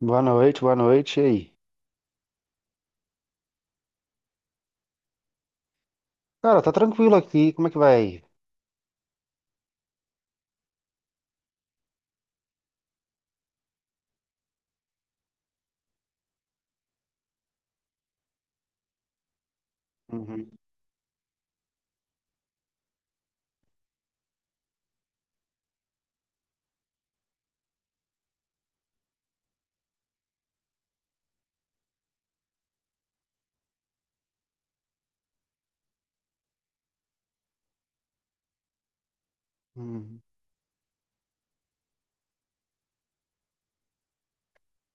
Boa noite, boa noite. E aí? Cara, tá tranquilo aqui. Como é que vai? Aí? Uhum, uhum.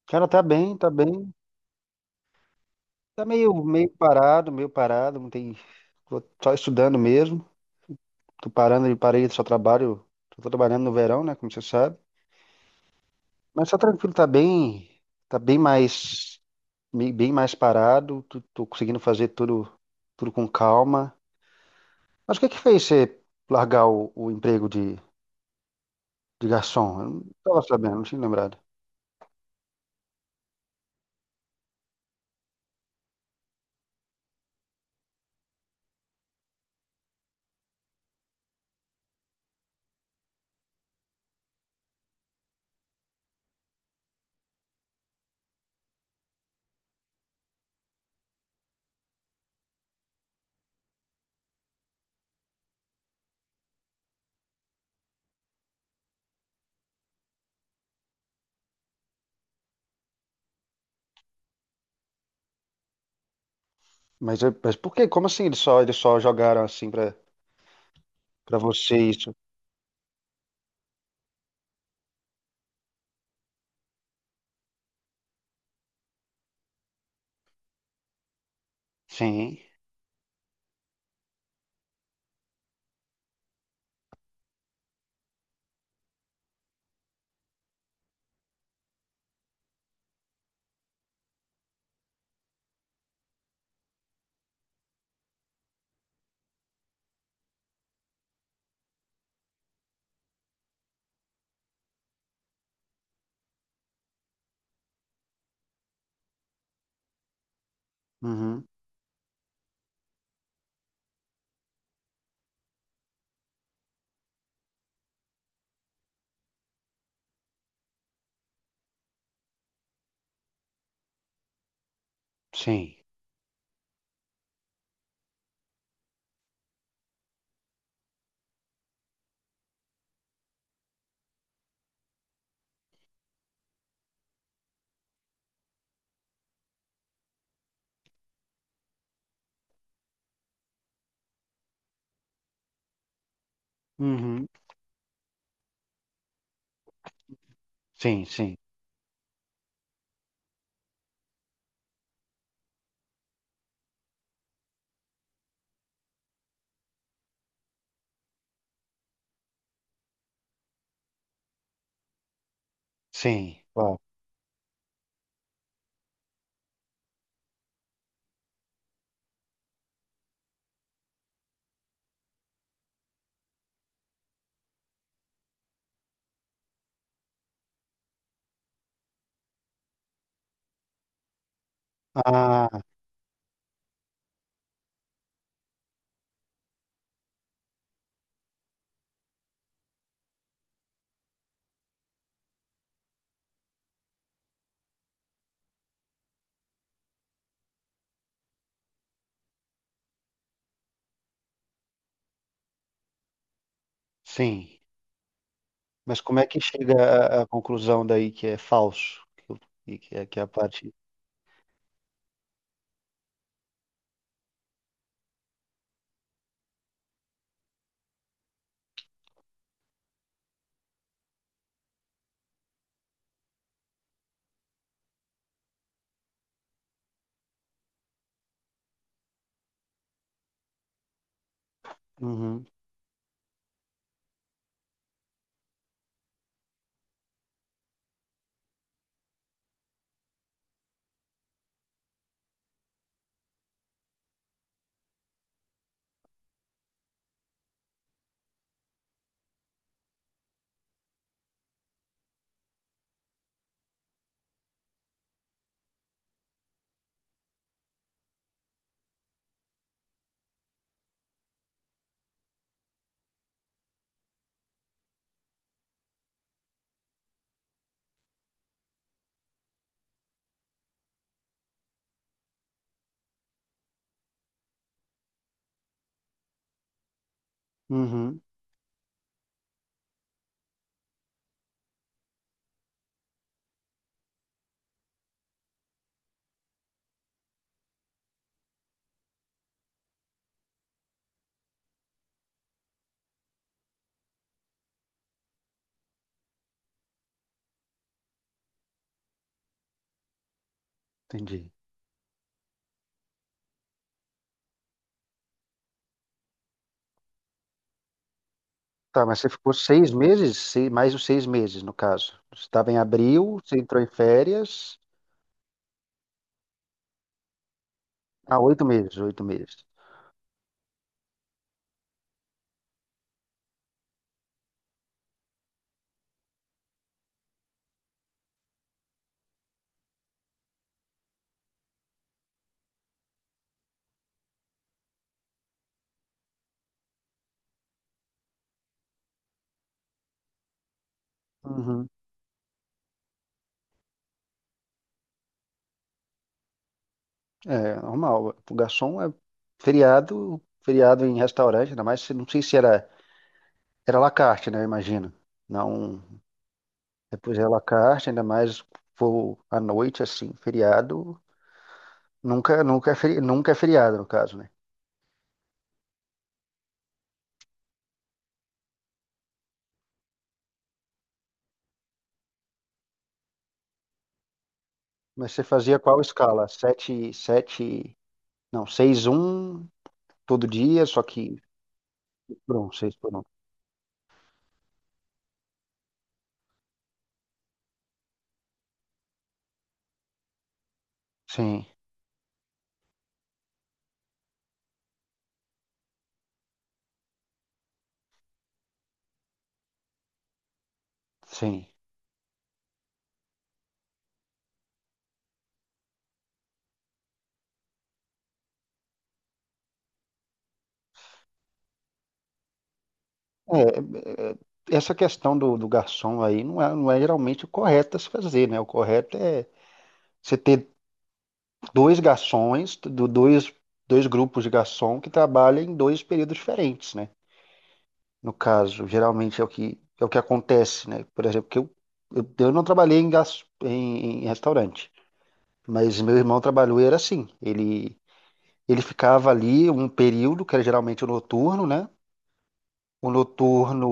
Cara, tá bem, tá bem. Tá meio parado, meio parado. Não tem. Tô só estudando mesmo. Tô parando de parei, só trabalho. Tô trabalhando no verão, né? Como você sabe. Mas tá tranquilo, tá bem. Tá bem mais, bem mais parado. Tô conseguindo fazer tudo, tudo com calma. Mas o que que fez você largar o emprego de garçom? Eu não tava sabendo, não tinha lembrado. Mas por quê? Como assim eles só jogaram assim pra você isso? Sim. Uhum. Sim. Uhum. Sim, sim. Sim. Claro. Ah, sim. Mas como é que chega à conclusão daí que é falso? Que, e que é a parte. Uhum. Uhum. Entendi. Tá, mas você ficou 6 meses? Mais os 6 meses, no caso. Você estava em abril, você entrou em férias. Ah, 8 meses, 8 meses. Uhum. É normal. O garçom é feriado, feriado em restaurante, ainda mais se não sei se era à la carte, né? Eu imagino. Não, depois é à la carte, ainda mais for à noite assim, feriado, nunca nunca é feriado no caso, né? Mas você fazia qual escala? Sete, sete, não, seis, um todo dia, só que pronto, seis por um. Sim, sim. É, é, essa questão do garçom aí não é, geralmente o correto a se fazer, né? O correto é você ter dois garçons, dois grupos de garçom que trabalham em dois períodos diferentes, né? No caso, geralmente é o que acontece, né? Por exemplo, que eu não trabalhei em restaurante, mas meu irmão trabalhou e era assim. Ele ficava ali um período, que era geralmente o noturno, né? O noturno,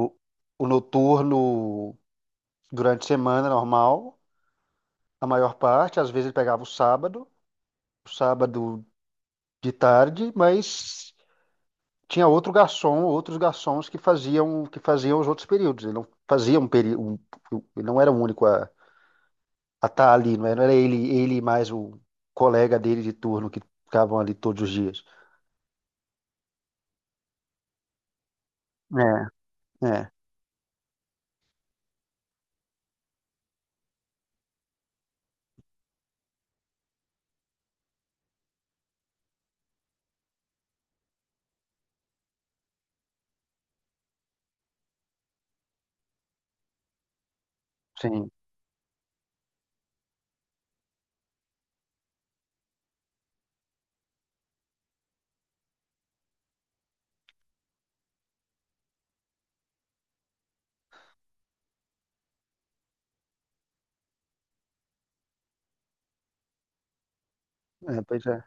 o noturno durante a semana normal, a maior parte, às vezes ele pegava o sábado, de tarde, mas tinha outro garçom, outros garçons que faziam os outros períodos. Ele não fazia um período, ele não era o único a estar ali, não era ele e mais o colega dele de turno que ficavam ali todos os dias. É, é, sim, é, pois é,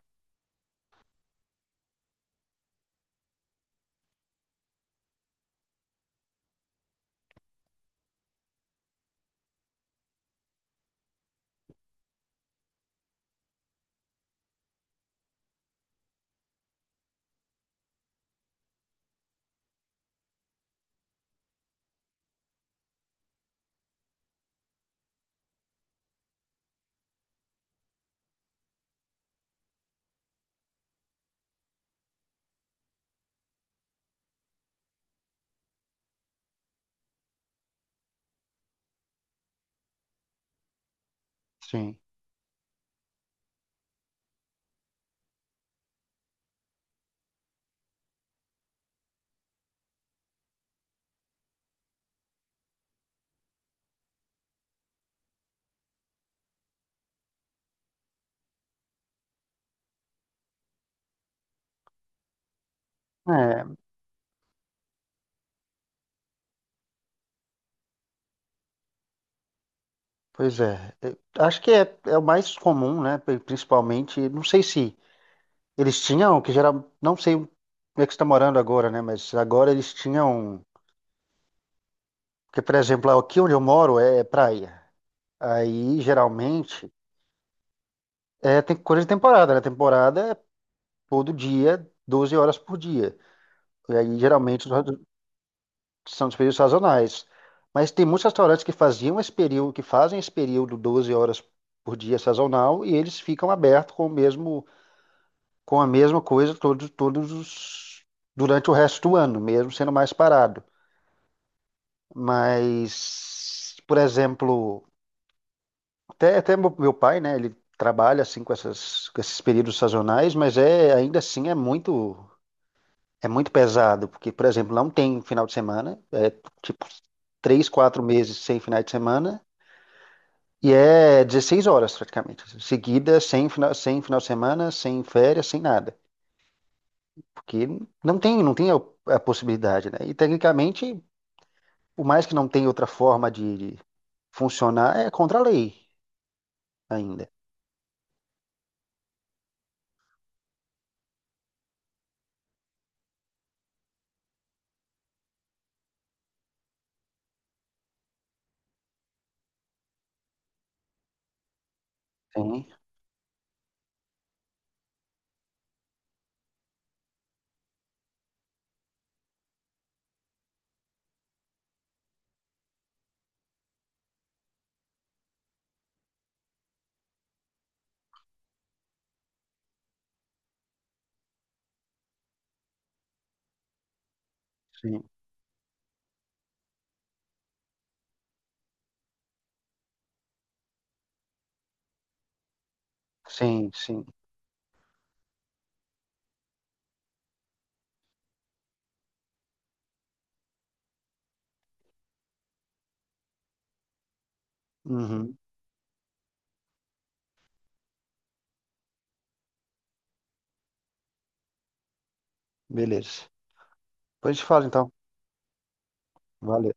sim. É, pois é. É, acho que é o mais comum, né? Principalmente, não sei se eles tinham, não sei como é que está morando agora, né? Mas agora eles tinham, porque, por exemplo, aqui onde eu moro é praia. Aí, geralmente, tem coisa de temporada, né? Temporada é todo dia, 12 horas por dia. E aí, geralmente, são os períodos sazonais. Mas tem muitos restaurantes que faziam esse período, que fazem esse período 12 horas por dia sazonal e eles ficam abertos com o mesmo, com a mesma coisa durante o resto do ano, mesmo sendo mais parado. Mas, por exemplo, até meu pai, né? Ele trabalha assim com essas, com esses períodos sazonais, mas é ainda assim é muito pesado, porque, por exemplo, não tem final de semana, é tipo 3, 4 meses sem final de semana e é 16 horas praticamente, seguida sem final de semana, sem férias, sem nada, porque não tem a possibilidade, né? E tecnicamente, por mais que não tenha outra forma de funcionar, é contra a lei ainda. Sim, sim, sim, sim. Beleza. Depois a gente fala então. Valeu.